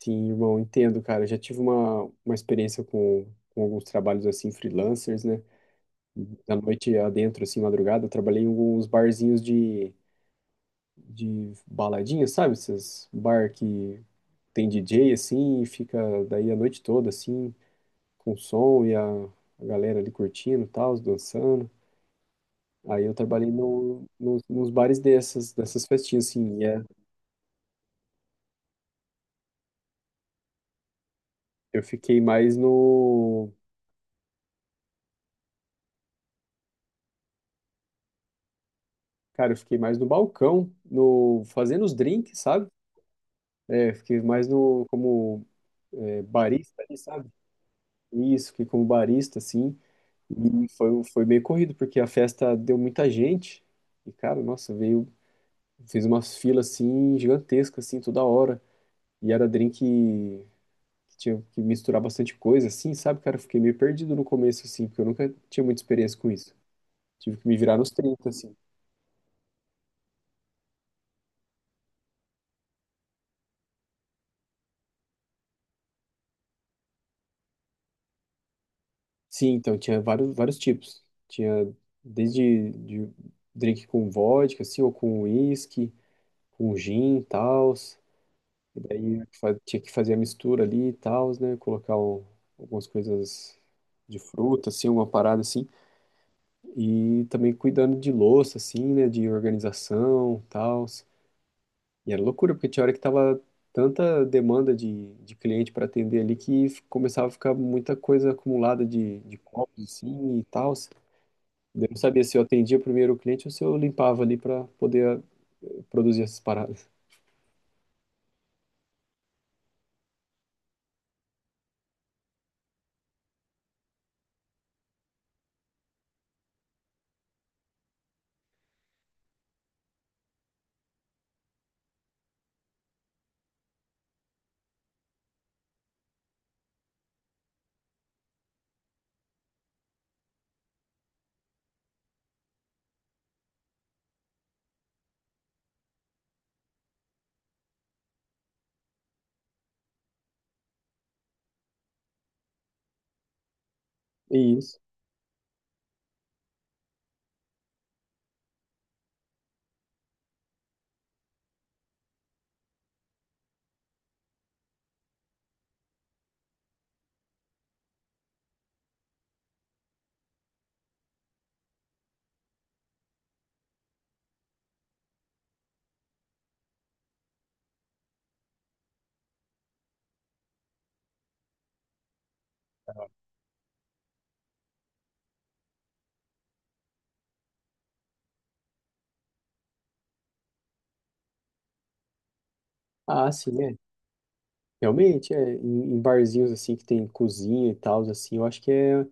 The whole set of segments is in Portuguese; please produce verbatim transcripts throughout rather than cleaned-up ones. Sim, irmão, entendo, cara. Eu já tive uma, uma experiência com, com alguns trabalhos assim, freelancers, né? Da noite adentro, assim, madrugada, eu trabalhei em alguns barzinhos de, de baladinha, sabe? Esses bar que tem D J, assim, e fica daí a noite toda, assim, com som e a, a galera ali curtindo e tal, dançando. Aí eu trabalhei no, nos nos bares dessas, dessas festinhas, assim, e é, eu fiquei mais no. Cara, eu fiquei mais no balcão, no fazendo os drinks, sabe? É, fiquei mais no, como é, barista ali, sabe? Isso, fiquei como barista, assim. E foi, foi meio corrido, porque a festa deu muita gente. E, cara, nossa, veio. Fiz umas filas, assim, gigantescas, assim, toda hora. E era drink que tinha que misturar bastante coisa, assim, sabe, cara? Eu fiquei meio perdido no começo, assim, porque eu nunca tinha muita experiência com isso. Tive que me virar nos trinta, assim. Sim, então tinha vários, vários tipos. Tinha desde de drink com vodka, assim, ou com uísque, com gin e tal. E daí fa- tinha que fazer a mistura ali e tal, né? Colocar um- algumas coisas de fruta, assim, uma parada assim. E também cuidando de louça, assim, né? De organização e tal. E era loucura, porque tinha hora que tava tanta demanda de, de cliente para atender ali que f- começava a ficar muita coisa acumulada de, de copos, assim, e tal. Eu não sabia se eu atendia primeiro o cliente ou se eu limpava ali para poder eh, produzir essas paradas. E isso. Ah, sim. Realmente, é, em, em barzinhos assim que tem cozinha e tal, assim, eu acho que é,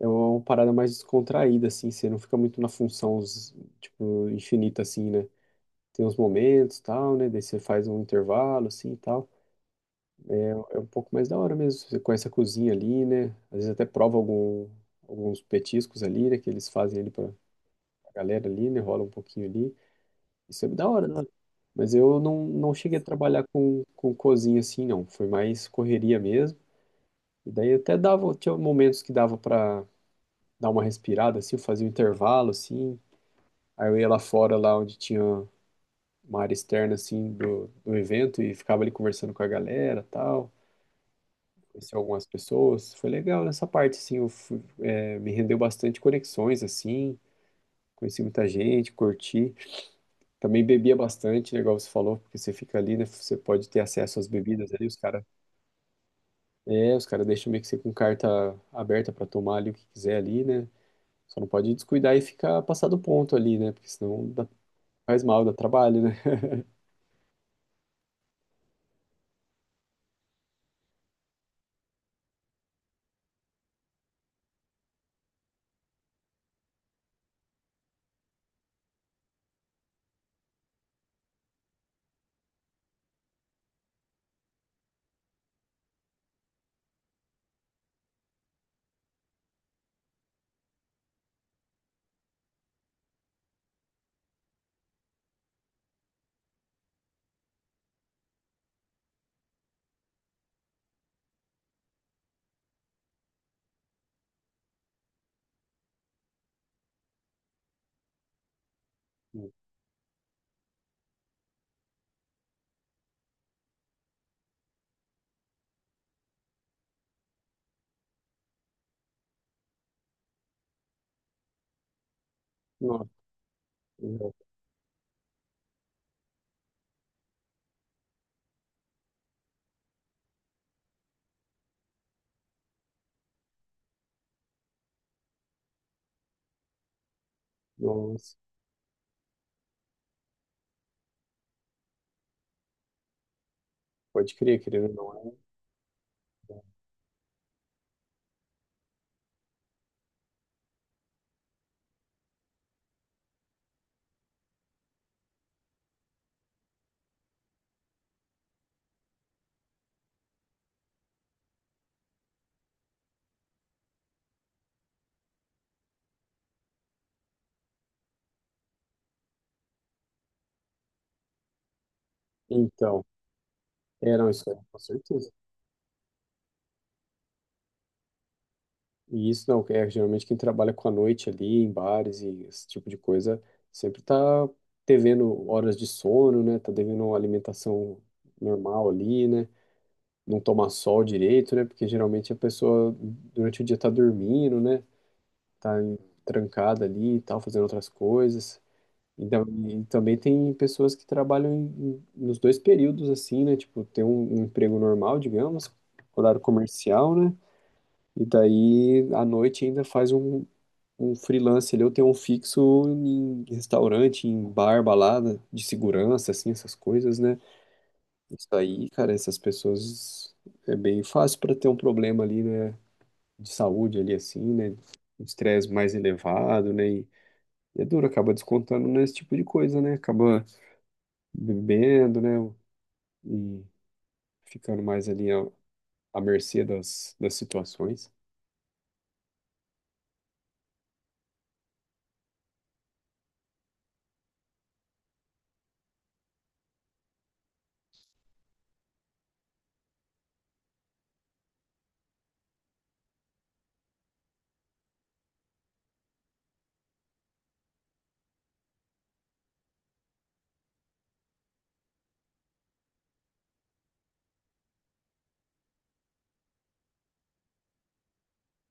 é uma parada mais descontraída, assim. Você não fica muito na função, s- tipo, infinita, assim, né? Tem uns momentos, tal, né? Daí você faz um intervalo, assim, e tal. É um pouco mais da hora mesmo, você conhece a cozinha ali, né? Às vezes até prova algum, alguns petiscos ali, né? Que eles fazem ali pra pra galera ali, né? Rola um pouquinho ali. Isso é da hora, né? Mas eu não, não cheguei a trabalhar com, com cozinha, assim, não. Foi mais correria mesmo. E daí até dava, tinha momentos que dava para dar uma respirada, assim. Eu fazia um intervalo, assim, aí eu ia lá fora, lá onde tinha uma área externa, assim, do, do evento, e ficava ali conversando com a galera, tal, conheci algumas pessoas, foi legal nessa parte, assim, eu fui- é, me rendeu bastante conexões, assim, conheci muita gente, curti, também bebia bastante, né, igual você falou, porque você fica ali, né, você pode ter acesso às bebidas ali, os caras, é, os caras deixam meio que você com carta aberta para tomar ali o que quiser ali, né. Só não pode descuidar e ficar passado do ponto ali, né? Porque senão dá- faz mal, dá trabalho, né? Nossa, exato. Nossa, pode crer, querendo ou não, é. Então, é, não, isso é, com certeza. E isso não, é geralmente quem trabalha com a noite ali, em bares e esse tipo de coisa, sempre tá devendo horas de sono, né? Tá devendo uma alimentação normal ali, né? Não tomar sol direito, né? Porque geralmente a pessoa durante o dia tá dormindo, né? Tá em- trancada ali e tal, fazendo outras coisas. Então, e também tem pessoas que trabalham em- nos dois períodos, assim, né? Tipo, tem um, um emprego normal, digamos, horário comercial, né? E daí, à noite, ainda faz um, um freelance ali, ou tem um fixo em restaurante, em bar, balada, de segurança, assim, essas coisas, né? Isso aí, cara, essas pessoas é bem fácil para ter um problema ali, né? De saúde ali, assim, né? Um estresse mais elevado, né? E, e é duro, acaba descontando nesse tipo de coisa, né? Acaba bebendo, né? E ficando mais ali à, à mercê das, das situações.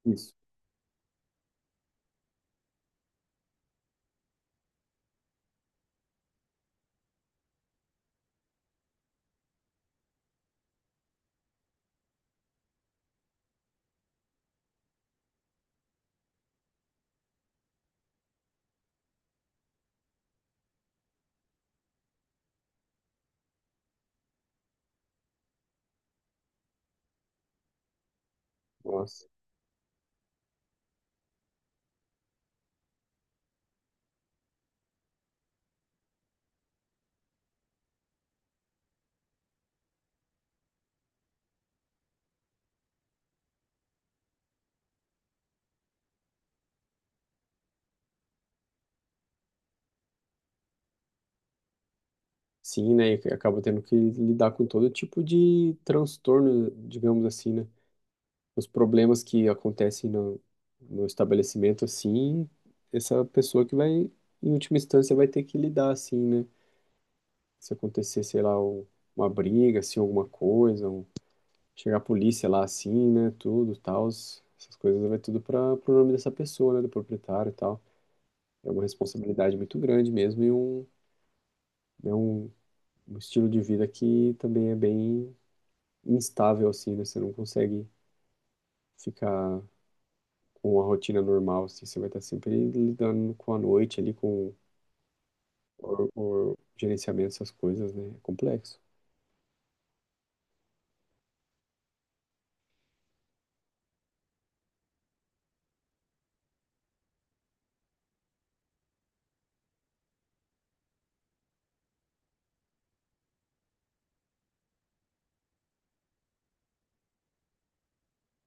Isso. Nossa. Sim, né? E acaba tendo que lidar com todo tipo de transtorno, digamos assim, né? Os problemas que acontecem no, no estabelecimento, assim, essa pessoa que vai, em última instância, vai ter que lidar, assim, né? Se acontecer, sei lá, um- uma briga, assim, alguma coisa, um. Chegar a polícia lá assim, né? Tudo, tal. Essas coisas vai tudo para pro nome dessa pessoa, né? Do proprietário e tal. É uma responsabilidade muito grande mesmo, e um, é um, um estilo de vida que também é bem instável, assim, né? Você não consegue ficar com a rotina normal, assim. Você vai estar sempre lidando com a noite ali, com o, o gerenciamento dessas coisas, né? É complexo.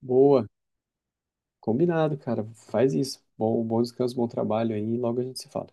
Boa, combinado, cara. Faz isso. Bom, bom descanso, bom trabalho aí, e logo a gente se fala.